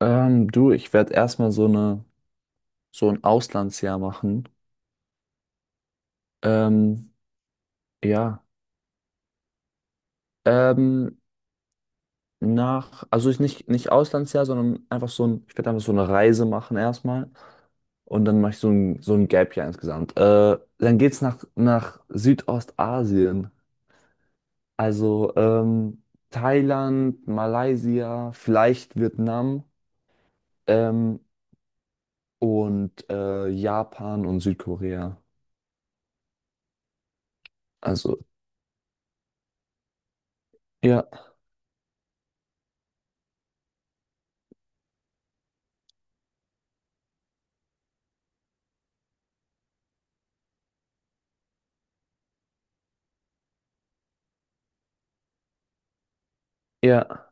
Du, ich werde erstmal so ein Auslandsjahr machen. Ähm, ja. Ähm, nach, also ich nicht, nicht Auslandsjahr, sondern ich werde einfach so eine Reise machen erstmal. Und dann mache ich so ein Gap-Jahr insgesamt. Dann geht's nach, nach Südostasien. Also Thailand, Malaysia, vielleicht Vietnam, ähm, Japan und Südkorea. Also, ja, ja,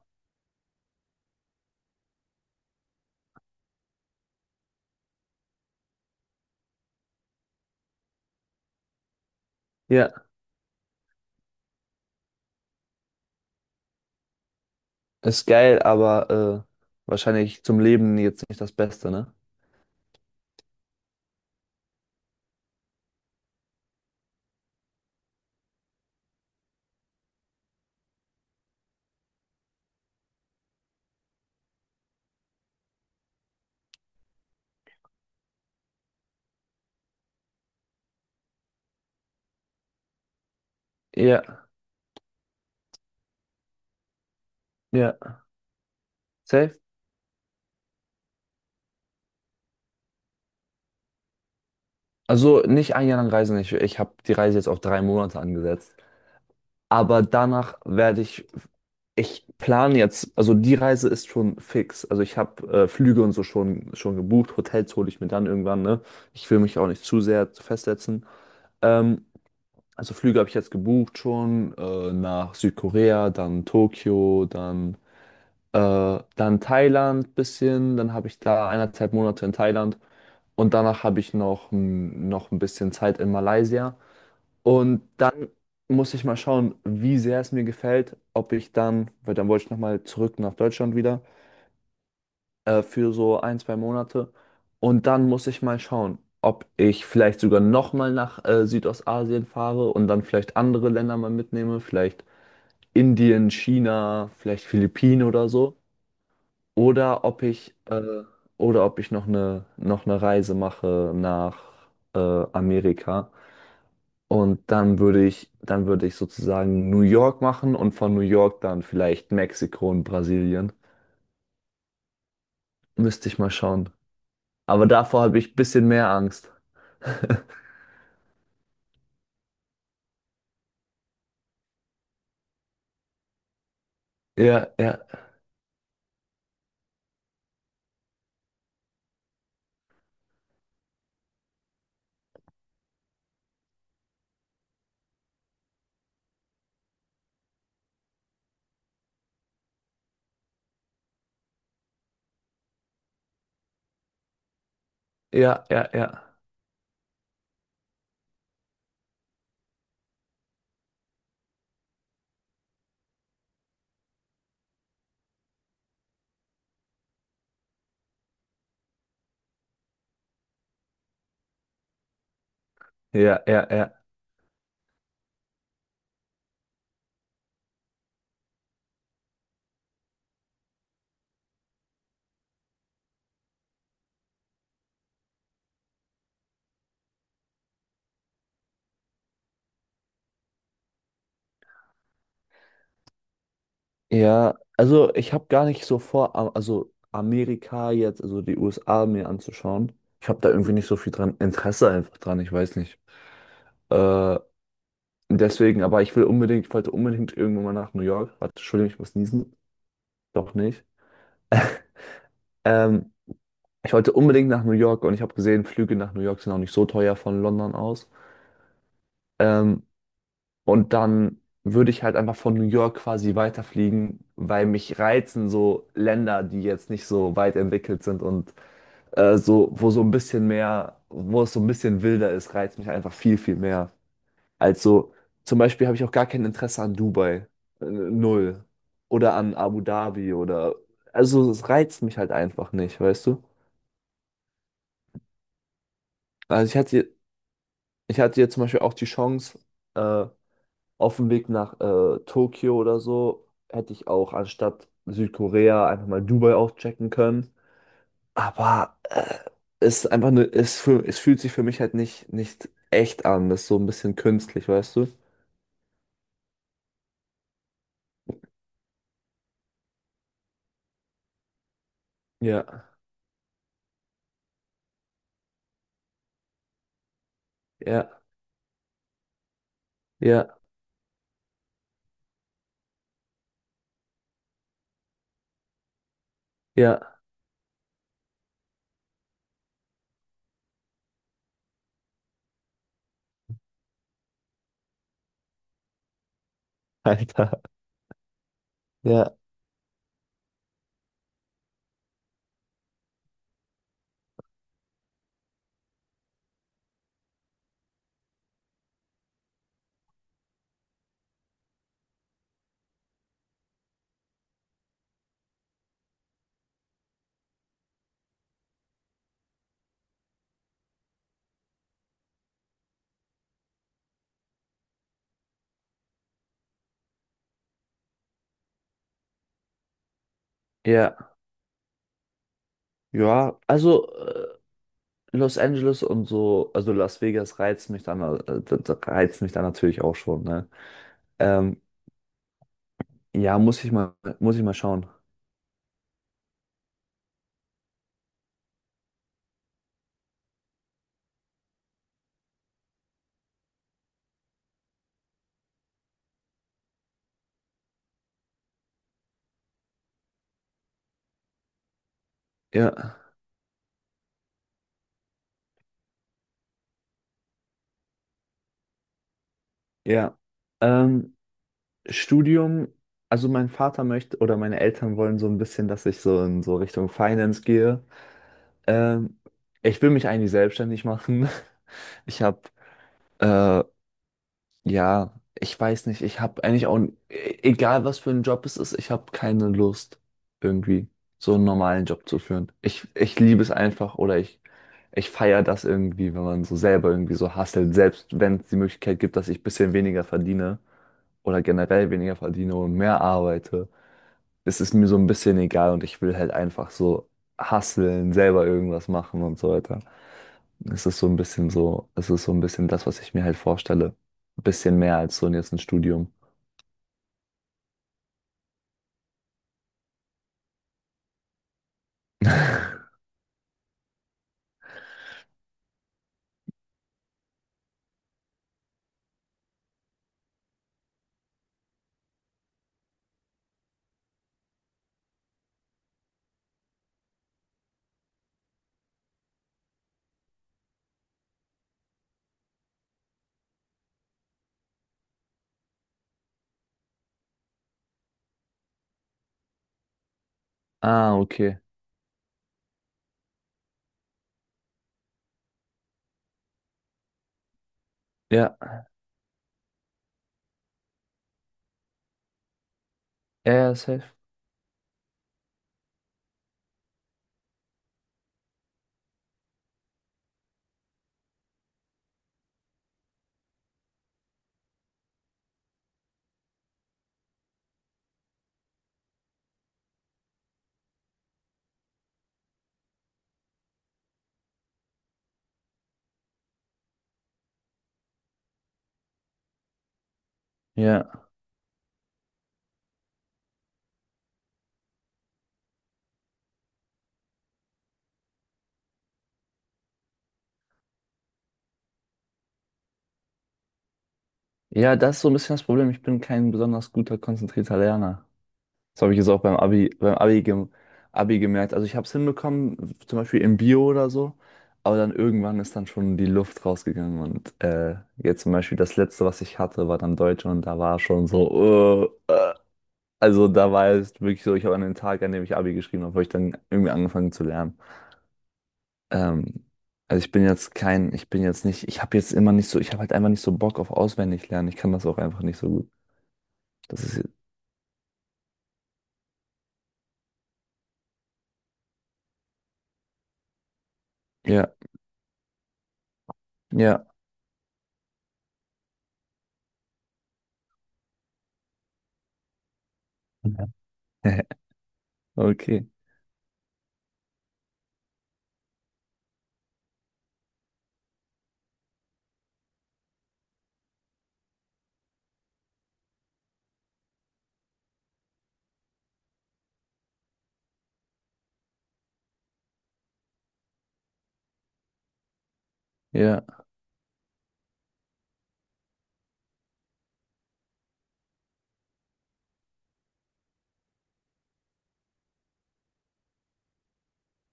ja. Ist geil, aber wahrscheinlich zum Leben jetzt nicht das Beste, ne? Ja, ja, safe. Also nicht ein Jahr lang reisen. Ich habe die Reise jetzt auf 3 Monate angesetzt. Aber danach werde ich plane jetzt, also die Reise ist schon fix. Also ich habe Flüge und so schon, schon gebucht. Hotels hole ich mir dann irgendwann, ne? Ich will mich auch nicht zu sehr festsetzen. Ähm, also Flüge habe ich jetzt gebucht schon nach Südkorea, dann Tokio, dann dann Thailand bisschen, dann habe ich da 1,5 Monate in Thailand und danach habe ich noch ein bisschen Zeit in Malaysia. Und dann muss ich mal schauen, wie sehr es mir gefällt, ob ich dann, weil dann wollte ich nochmal zurück nach Deutschland wieder für so ein, 2 Monate. Und dann muss ich mal schauen, ob ich vielleicht sogar nochmal nach Südostasien fahre und dann vielleicht andere Länder mal mitnehme, vielleicht Indien, China, vielleicht Philippinen oder so. Oder ob ich, äh, oder ob ich noch eine Reise mache nach Amerika. Und dann würde dann würde ich sozusagen New York machen und von New York dann vielleicht Mexiko und Brasilien. Müsste ich mal schauen. Aber davor habe ich ein bisschen mehr Angst. Ja, ja, ja, ja, ja. Ja, ja, ja. Ja, also ich habe gar nicht so vor, also Amerika jetzt, also die USA mir anzuschauen. Ich habe da irgendwie nicht so viel dran, Interesse einfach dran, ich weiß nicht. Äh, Deswegen, aber ich will unbedingt, ich wollte unbedingt irgendwann mal nach New York. Warte, Entschuldigung, ich muss niesen. Doch nicht. Ähm, Ich wollte unbedingt nach New York und ich habe gesehen, Flüge nach New York sind auch nicht so teuer von London aus. Ähm, und dann würde ich halt einfach von New York quasi weiterfliegen, weil mich reizen so Länder, die jetzt nicht so weit entwickelt sind so, wo so ein bisschen mehr, wo es so ein bisschen wilder ist, reizt mich einfach viel, viel mehr. Also zum Beispiel habe ich auch gar kein Interesse an Dubai. Null. Oder an Abu Dhabi oder. Also es reizt mich halt einfach nicht, weißt du? Also ich ich hatte jetzt zum Beispiel auch die Chance, äh, auf dem Weg nach Tokio oder so, hätte ich auch anstatt Südkorea einfach mal Dubai auschecken können. Aber es ist einfach es fühlt sich für mich halt nicht, nicht echt an. Das ist so ein bisschen künstlich, weißt du? Ja, ja, ja, ja. Alter. Ja. Ja, ja, also Los Angeles und so, also Las Vegas reizt mich da reizt mich dann natürlich auch schon, ne? Ähm, ja, muss ich mal schauen. Ja, ja. Ähm, Studium, also mein Vater möchte oder meine Eltern wollen so ein bisschen, dass ich so in so Richtung Finance gehe. Ähm, Ich will mich eigentlich selbstständig machen. Ich habe äh, ja, ich weiß nicht. Ich habe eigentlich auch, egal was für ein Job es ist, ich habe keine Lust, irgendwie so einen normalen Job zu führen. Ich liebe es einfach oder ich feiere das irgendwie, wenn man so selber irgendwie so hustelt, selbst wenn es die Möglichkeit gibt, dass ich ein bisschen weniger verdiene oder generell weniger verdiene und mehr arbeite. Es ist mir so ein bisschen egal und ich will halt einfach so hustlen, selber irgendwas machen und so weiter. Es ist so ein bisschen so, es ist so ein bisschen das, was ich mir halt vorstelle. Ein bisschen mehr als so jetzt ein Studium. Ah, okay. Ja, ja, ja, safe. Ja. Ja, das ist so ein bisschen das Problem. Ich bin kein besonders guter, konzentrierter Lerner. Das habe ich jetzt auch beim Abi, beim Abi gemerkt. Also ich habe es hinbekommen, zum Beispiel im Bio oder so, aber dann irgendwann ist dann schon die Luft rausgegangen und jetzt zum Beispiel das letzte, was ich hatte, war dann Deutsch und da war schon so, Also da war es wirklich so, ich habe an den Tag, an dem ich Abi geschrieben habe, habe ich dann irgendwie angefangen zu lernen. Ähm, also ich bin jetzt kein, ich bin jetzt nicht, ich habe jetzt immer nicht so, ich habe halt einfach nicht so Bock auf auswendig lernen. Ich kann das auch einfach nicht so gut. Das ist, ja, ja, okay, ja,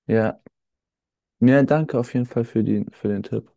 ja. Ja, danke auf jeden Fall für die, für den Tipp.